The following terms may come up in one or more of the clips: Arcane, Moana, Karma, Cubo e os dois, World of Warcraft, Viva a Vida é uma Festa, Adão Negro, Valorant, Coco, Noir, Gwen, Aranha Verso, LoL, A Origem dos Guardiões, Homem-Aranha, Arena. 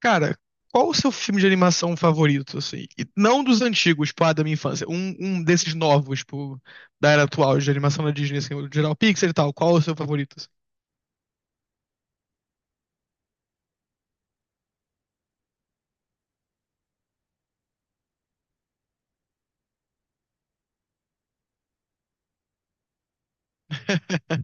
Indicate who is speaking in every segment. Speaker 1: Cara, qual o seu filme de animação favorito, assim? E não dos antigos, tipo, ah, da minha infância. Um desses novos, tipo, da era atual, de animação da Disney, assim, o geral Pixar e tal. Qual o seu favorito, assim?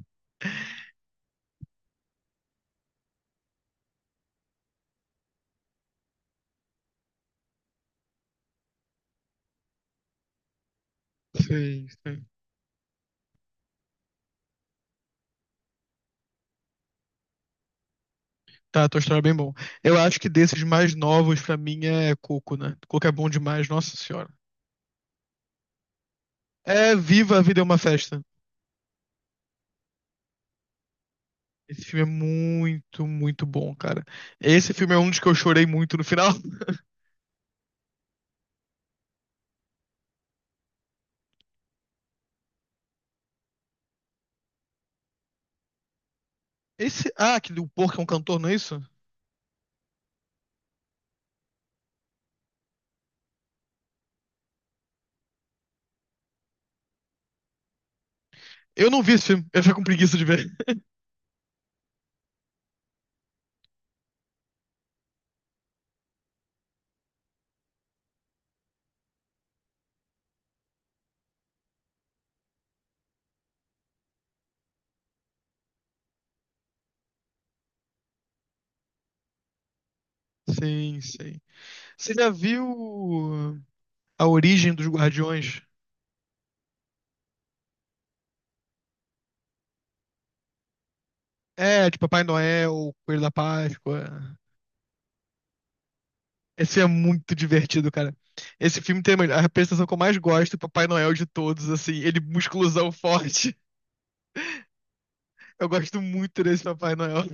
Speaker 1: Sim, sim. Tá, a tua história é bem bom. Eu acho que desses mais novos, pra mim, é Coco, né? Coco é bom demais, nossa senhora. É Viva a Vida é uma Festa. Esse filme é muito, muito bom, cara. Esse filme é um dos que eu chorei muito no final. Esse. Ah, que o porco é um cantor, não é isso? Eu não vi esse filme, eu fico com preguiça de ver. Sim, sim. Você já viu ah, A Origem dos Guardiões? É, de Papai Noel, Coelho da Páscoa. Esse é muito divertido, cara. Esse filme tem a representação que eu mais gosto, Papai Noel de todos, assim, ele musculosão forte. Eu gosto muito desse Papai Noel.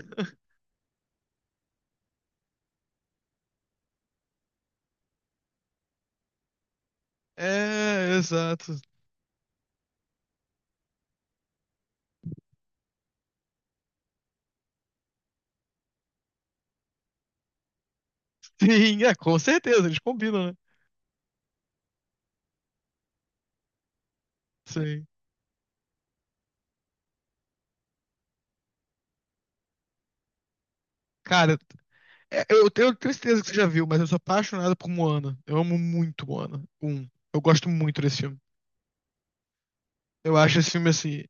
Speaker 1: É, exato. Sim, é, com certeza, eles combinam, né? Sim. Cara, é, eu tenho certeza que você já viu, mas eu sou apaixonado por Moana. Eu amo muito Moana. Um. Eu gosto muito desse filme. Eu acho esse filme assim.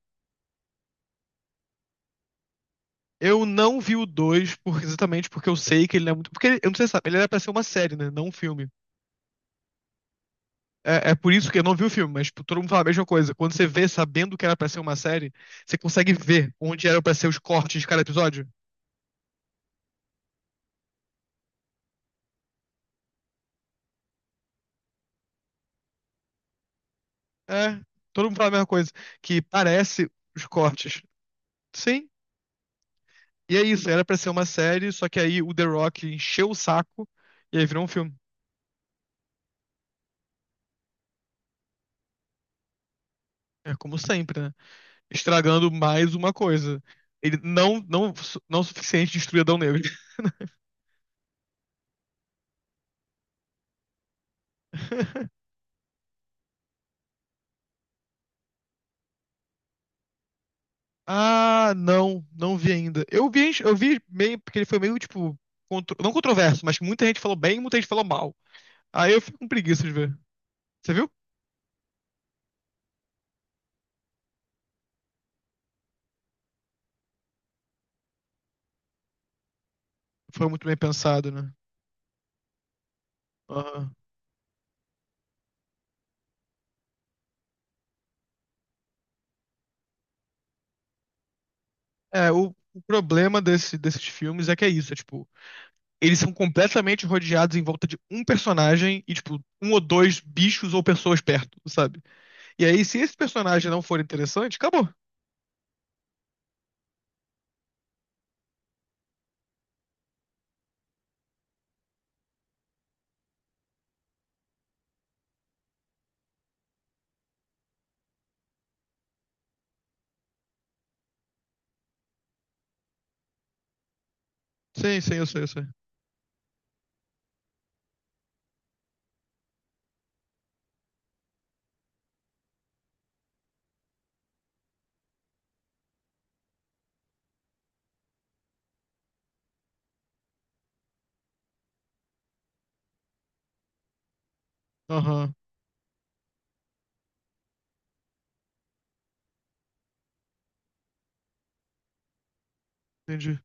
Speaker 1: Eu não vi o dois por, exatamente porque eu sei que ele não é muito. Porque ele- eu não sei se sabe, ele era pra ser uma série, né? Não um filme. É, é por isso que eu não vi o filme, mas tipo, todo mundo fala a mesma coisa. Quando você vê sabendo que era pra ser uma série, você consegue ver onde eram pra ser os cortes de cada episódio. É, todo mundo fala a mesma coisa. Que parece os cortes. Sim. E é isso, era pra ser uma série, só que aí o The Rock encheu o saco e aí virou um filme. É como sempre, né? Estragando mais uma coisa. Ele não o suficiente destruir Adão Negro. Ah, não, não vi ainda. Eu vi meio, porque ele foi meio, tipo, contro- não controverso, mas muita gente falou bem e muita gente falou mal. Aí eu fico com preguiça de ver. Você viu? Foi muito bem pensado, né? Aham. É, o problema desses filmes é que é isso, é tipo, eles são completamente rodeados em volta de um personagem e, tipo, um ou dois bichos ou pessoas perto, sabe? E aí, se esse personagem não for interessante, acabou. Sim, sim, eu sei, eu sei. Aham, entendi.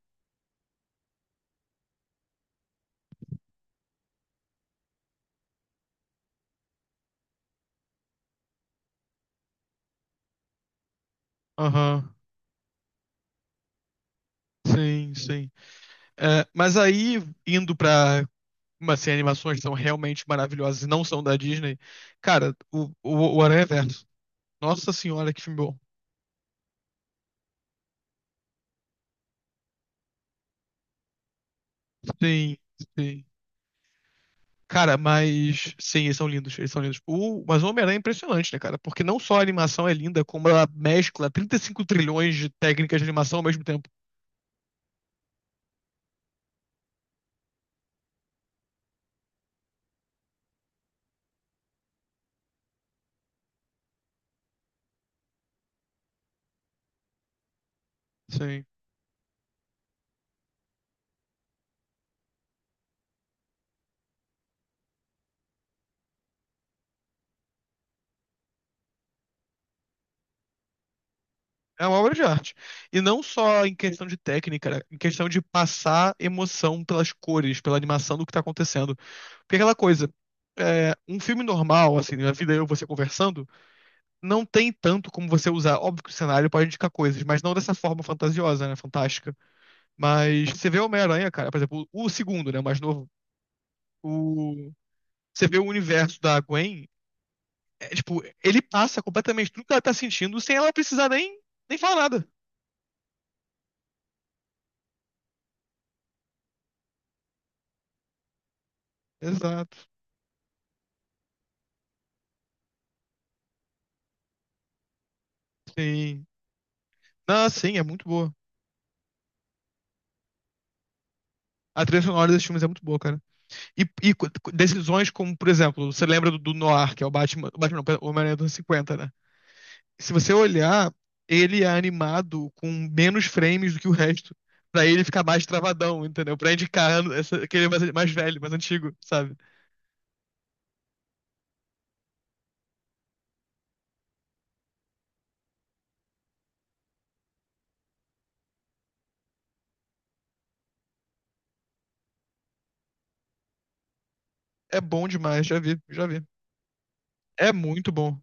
Speaker 1: Aham, sim, sim. É, mas aí, indo pra umas assim, animações que são realmente maravilhosas e não são da Disney, cara, o Aranha Verso. Nossa senhora, que filme bom. Sim, sim. Cara, mas sim, eles são lindos, eles são lindos. O, mas o Homem-Aranha é impressionante, né, cara? Porque não só a animação é linda, como ela mescla 35 trilhões de técnicas de animação ao mesmo tempo. Sim. É uma obra de arte. E não só em questão de técnica, né? Em questão de passar emoção pelas cores, pela animação do que tá acontecendo. Porque é aquela coisa, é, um filme normal, assim, na vida eu e você conversando, não tem tanto como você usar. Óbvio que o cenário pode indicar coisas, mas não dessa forma fantasiosa, né? Fantástica. Mas você vê o Homem-Aranha, cara, por exemplo, o segundo, né, o mais novo, o... você vê o universo da Gwen, é, tipo, ele passa completamente tudo que ela tá sentindo sem ela precisar nem, nem falar nada. Exato, sim. Não, sim, é muito boa. A trilha sonora desses filmes é muito boa, cara. E co- decisões como, por exemplo, você lembra do Noir, que é o Batman, não, o Homem-Aranha dos anos 50, né? Se você olhar, ele é animado com menos frames do que o resto. Pra ele ficar mais travadão, entendeu? Pra indicar essa, que ele é mais, mais velho, mais antigo, sabe? É bom demais, já vi, já vi. É muito bom.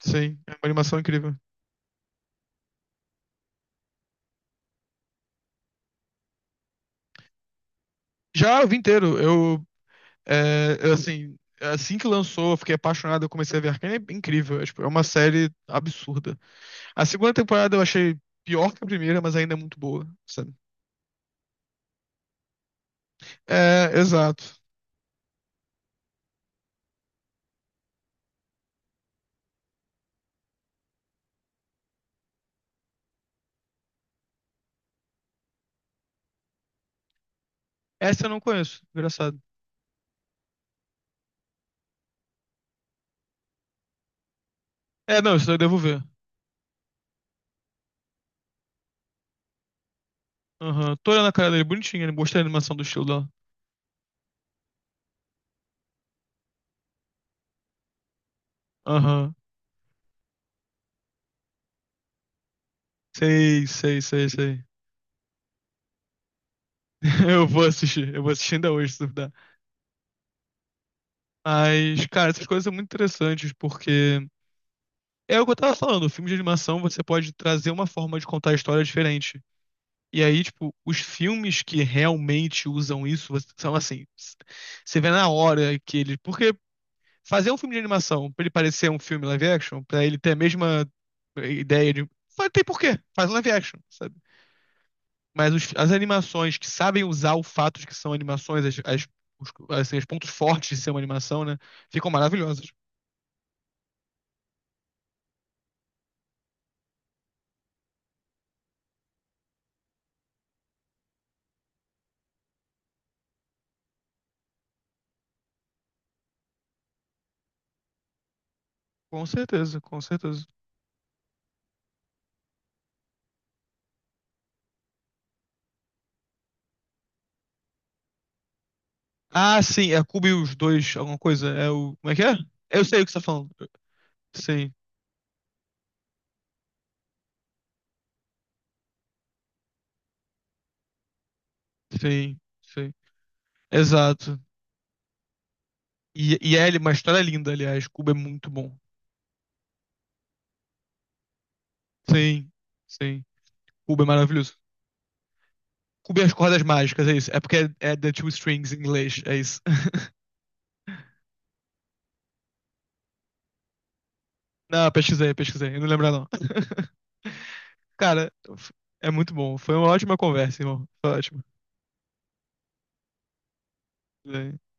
Speaker 1: Sim, é uma animação incrível. Já eu vi inteiro. Eu, é, eu, assim, assim que lançou, eu fiquei apaixonado, eu comecei a ver Arcane. É incrível, é, tipo, é uma série absurda. A segunda temporada eu achei pior que a primeira, mas ainda é muito boa, sabe? É, exato. Essa eu não conheço, engraçado. É, não, isso daí eu devo ver. Aham. Tô olhando a cara dele bonitinha, ele gostei da animação do estilo dela. Aham. Sei, sei, sei, sei. Eu vou assistir ainda hoje, se duvidar. Mas, cara, essas coisas são muito interessantes, porque é o que eu tava falando, o filme de animação você pode trazer uma forma de contar a história diferente. E aí, tipo, os filmes que realmente usam isso você- são assim, s- você vê na hora que eles. Porque fazer um filme de animação pra ele parecer um filme live action, pra ele ter a mesma ideia de. Fa- tem porquê, faz um live action, sabe? Mas os- as animações que sabem usar o fato de que são animações, as- os, assim, os pontos fortes de ser uma animação, né? Ficam maravilhosas. Com certeza, com certeza. Ah, sim, é Cubo e os dois, alguma coisa. É o. Como é que é? Eu sei o que você tá falando. Sim, sim, sim. Exato. E é uma história é linda, aliás. Cubo é muito bom. Sim, sim. Cubo é maravilhoso. Cubem as cordas mágicas, é isso. É porque é, é The Two Strings em inglês, é isso. Não, pesquisei, pesquisei. Eu não lembro, não. Cara, é muito bom. Foi uma ótima conversa, irmão. Foi ótimo. É.